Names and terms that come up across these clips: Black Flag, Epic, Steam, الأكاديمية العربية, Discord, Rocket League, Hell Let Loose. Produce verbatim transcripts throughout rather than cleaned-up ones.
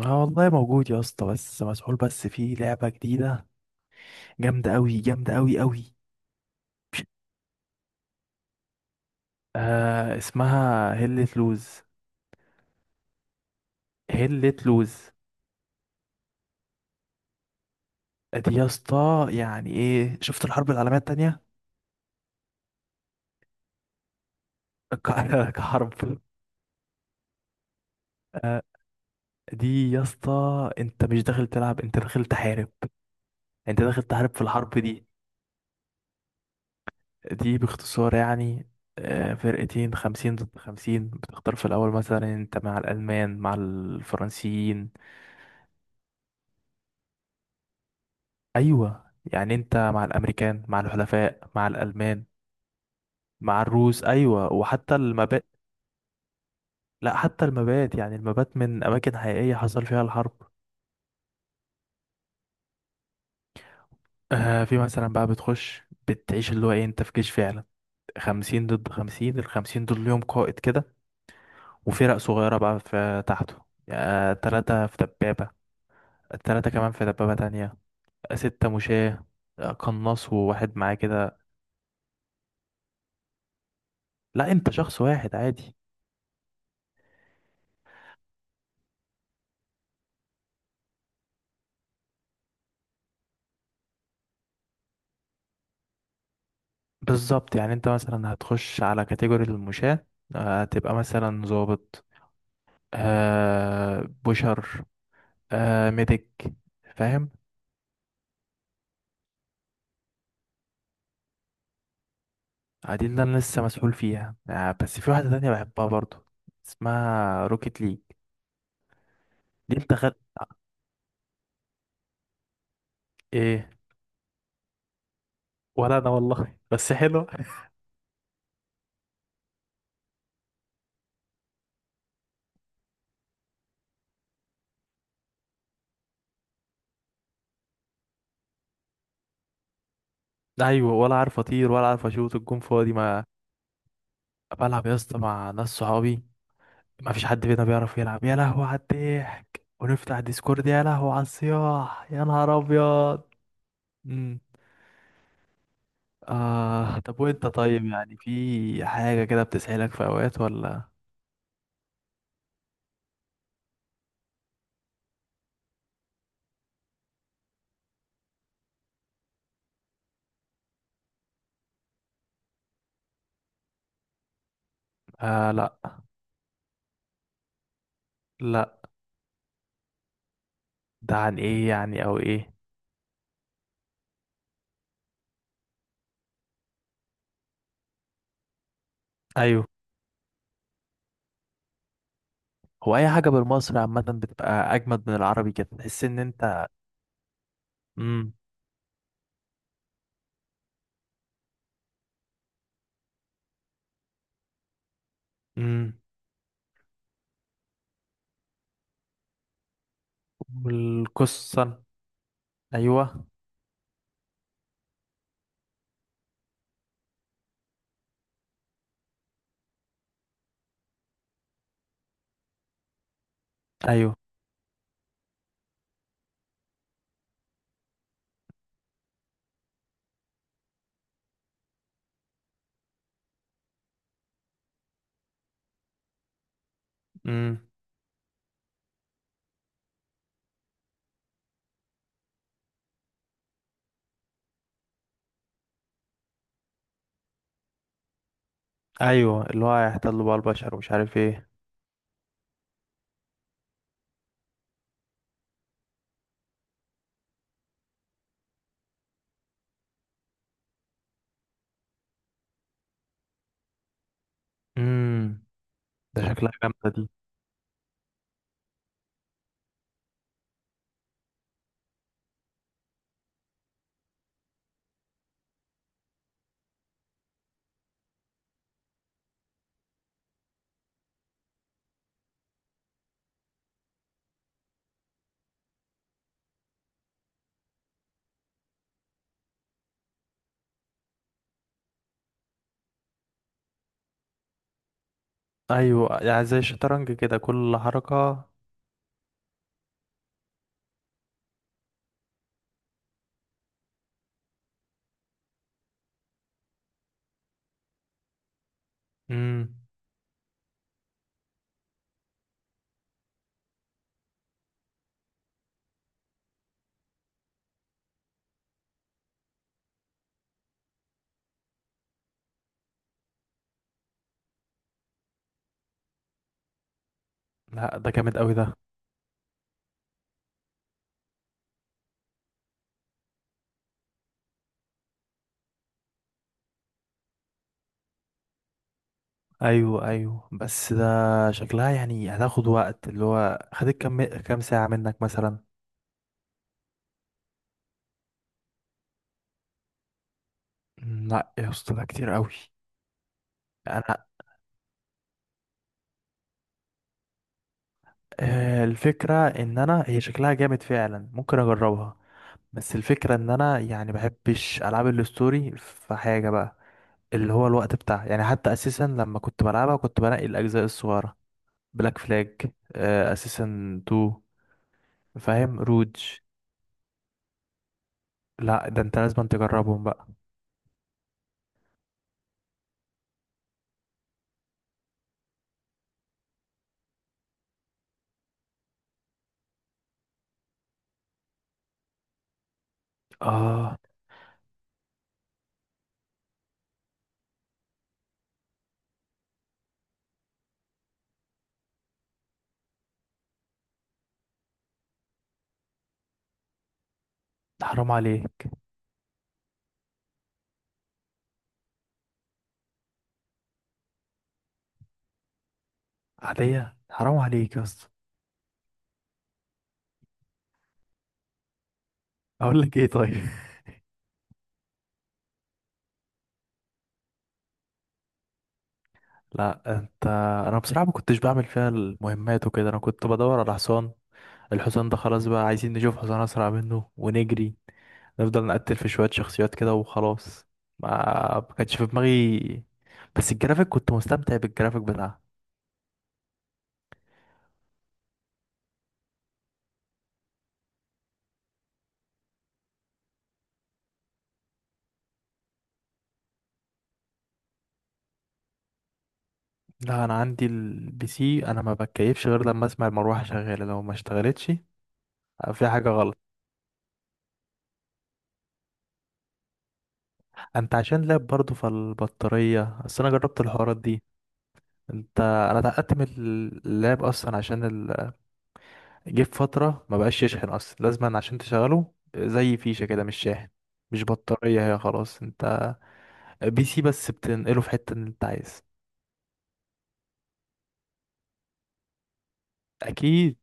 اه والله موجود يا اسطى، بس مسحول. بس في لعبة جديدة جامدة أوي، جامدة أوي أوي. آه، اسمها هلة لوز. هلة لوز. دي يا اسطى يعني ايه؟ شفت الحرب العالمية التانية؟ ك- كحرب. آه، دي يا اسطى انت مش داخل تلعب، انت داخل تحارب. انت داخل تحارب في الحرب دي. دي باختصار يعني، آه، فرقتين، خمسين ضد خمسين. بتختار في الأول مثلا انت مع الألمان، مع الفرنسيين. ايوه، يعني انت مع الامريكان، مع الحلفاء، مع الالمان، مع الروس. ايوه، وحتى المبات. لا، حتى المبات، يعني المبات من اماكن حقيقيه حصل فيها الحرب. آه في مثلا بقى بتخش بتعيش، اللي هو ايه، انت في جيش فعلا. خمسين ضد خمسين. الخمسين دول ليهم قائد كده، وفرق صغيره بقى في تحته. آه تلاتة في دبابه. التلاتة كمان في دبابه تانية. آه، ستة مشاة. آه، قناص وواحد معاه كده. لا، انت شخص واحد عادي. بالظبط، يعني انت مثلا هتخش على كاتيجوري المشاة. آه، هتبقى مثلا ظابط. آه بشر. آه ميديك. فاهم. دي اللي انا لسه مسؤول فيها. آه بس في واحدة تانية بحبها برضو. اسمها روكيت ليج. دي انت خد. ايه؟ ولا انا والله، بس حلوة. ايوه، ولا عارف اطير ولا عارف اشوط الجون فاضي. ما بلعب يا اسطى مع ناس صحابي. ما فيش حد فينا بيعرف يلعب، يا لهوي على الضحك. ونفتح ديسكورد، يا لهوي على الصياح، يا نهار ابيض. مم. آه طب وانت طيب، يعني في حاجة كده بتسحلك في اوقات ولا؟ آه، لا لا. ده عن ايه يعني، او ايه؟ ايوه. هو اي حاجة بالمصري عامة بتبقى اجمد من العربي كده، تحس ان انت. امم. امم. والقصة. ايوه. ايوه. امم. ايوه، اللي هو هيحتلوا بقى البشر ومش عارف ايه. امم. ده شكلها جامدة دي. ايوه، يعني زي الشطرنج كده، كل حركة. امم. لا، ده جامد قوي ده. ايوه ايوه، بس ده شكلها يعني هتاخد وقت. اللي هو خدت كام كام ساعة منك مثلا؟ مم، لا يا اسطى، ده كتير قوي. انا، آه، الفكرة ان انا هي شكلها جامد فعلا، ممكن اجربها. بس الفكرة ان انا يعني بحبش العاب الستوري في حاجة بقى، اللي هو الوقت بتاعها. يعني حتى اساسا لما كنت بلعبها كنت بنقي الاجزاء الصغيرة، بلاك فلاج اساسا اتنين، فاهم روج. لا، ده انت لازم تجربهم بقى. اه، ده حرام عليك. عادية، حرام عليك يا اسطى. اقول لك ايه طيب. لا انت. انا بصراحة ما كنتش بعمل فيها المهمات وكده. انا كنت بدور على حصان. الحصان ده خلاص بقى، عايزين نشوف حصان اسرع منه ونجري، نفضل نقتل في شوية شخصيات كده وخلاص. ما ما كانش في دماغي. بس الجرافيك كنت مستمتع بالجرافيك بتاعها. لا، انا عندي البي سي. انا ما بتكيفش غير لما اسمع المروحة شغالة. لو ما اشتغلتش في حاجة غلط. انت عشان لاب برضه، فالبطارية، اصل انا جربت الحوارات دي. انت، انا اتعقدت من اللاب اصلا عشان ال... جه في فتره ما بقاش يشحن اصلا. لازما عشان تشغله زي فيشه كده، مش شاحن، مش بطاريه هي. خلاص، انت بي سي بس، بتنقله في حته اللي انت عايز. اكيد.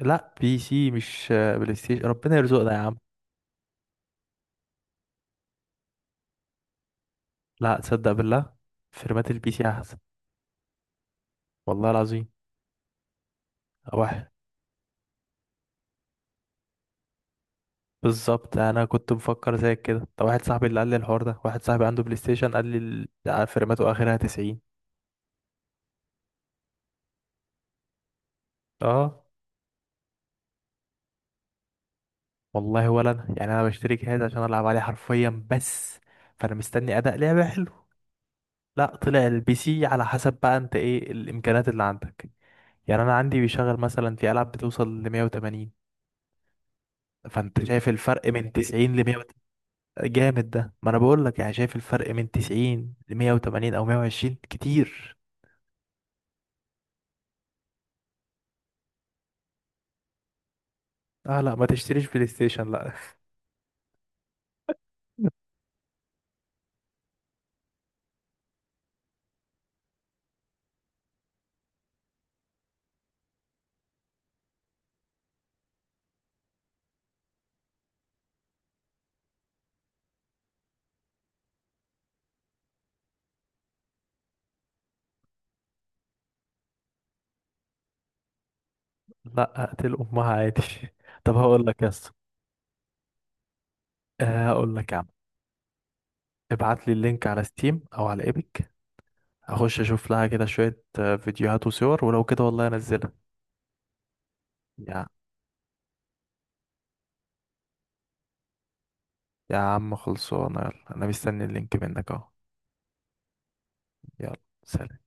لا، بي سي مش بلاي ستيشن، ربنا يرزقنا يا عم. لا تصدق بالله، فرمات البي سي احسن. والله العظيم. واحد. بالظبط، انا كنت مفكر زيك كده. طب واحد صاحبي اللي قال لي الحوار ده، واحد صاحبي عنده بلاي ستيشن، قال لي ال- فرماته اخرها تسعين. اه. والله ولا انا يعني، انا بشتري جهاز عشان العب عليه حرفيا بس، فانا مستني اداء لعبه حلو. لا، طلع البي سي على حسب بقى انت ايه الامكانيات اللي عندك. يعني انا عندي بيشغل مثلا في العاب بتوصل ل مية وتمانين. فانت شايف الفرق من تسعين ل مية. جامد ده، ما انا بقول لك يعني، شايف الفرق من تسعين ل مية وتمانين او مية وعشرين كتير. اه، لا ما تشتريش بلاي ستيشن، لا. لا، اقتل امها عادي. طب هقول لك يا اسطى، آه، هقول لك يا عم، ابعت لي اللينك على ستيم او على ايبك. اخش اشوف لها كده شوية آه، فيديوهات وصور، ولو كده والله انزلها. يا يا عم خلصانه، يلا انا مستني اللينك منك اهو. يلا، سلام.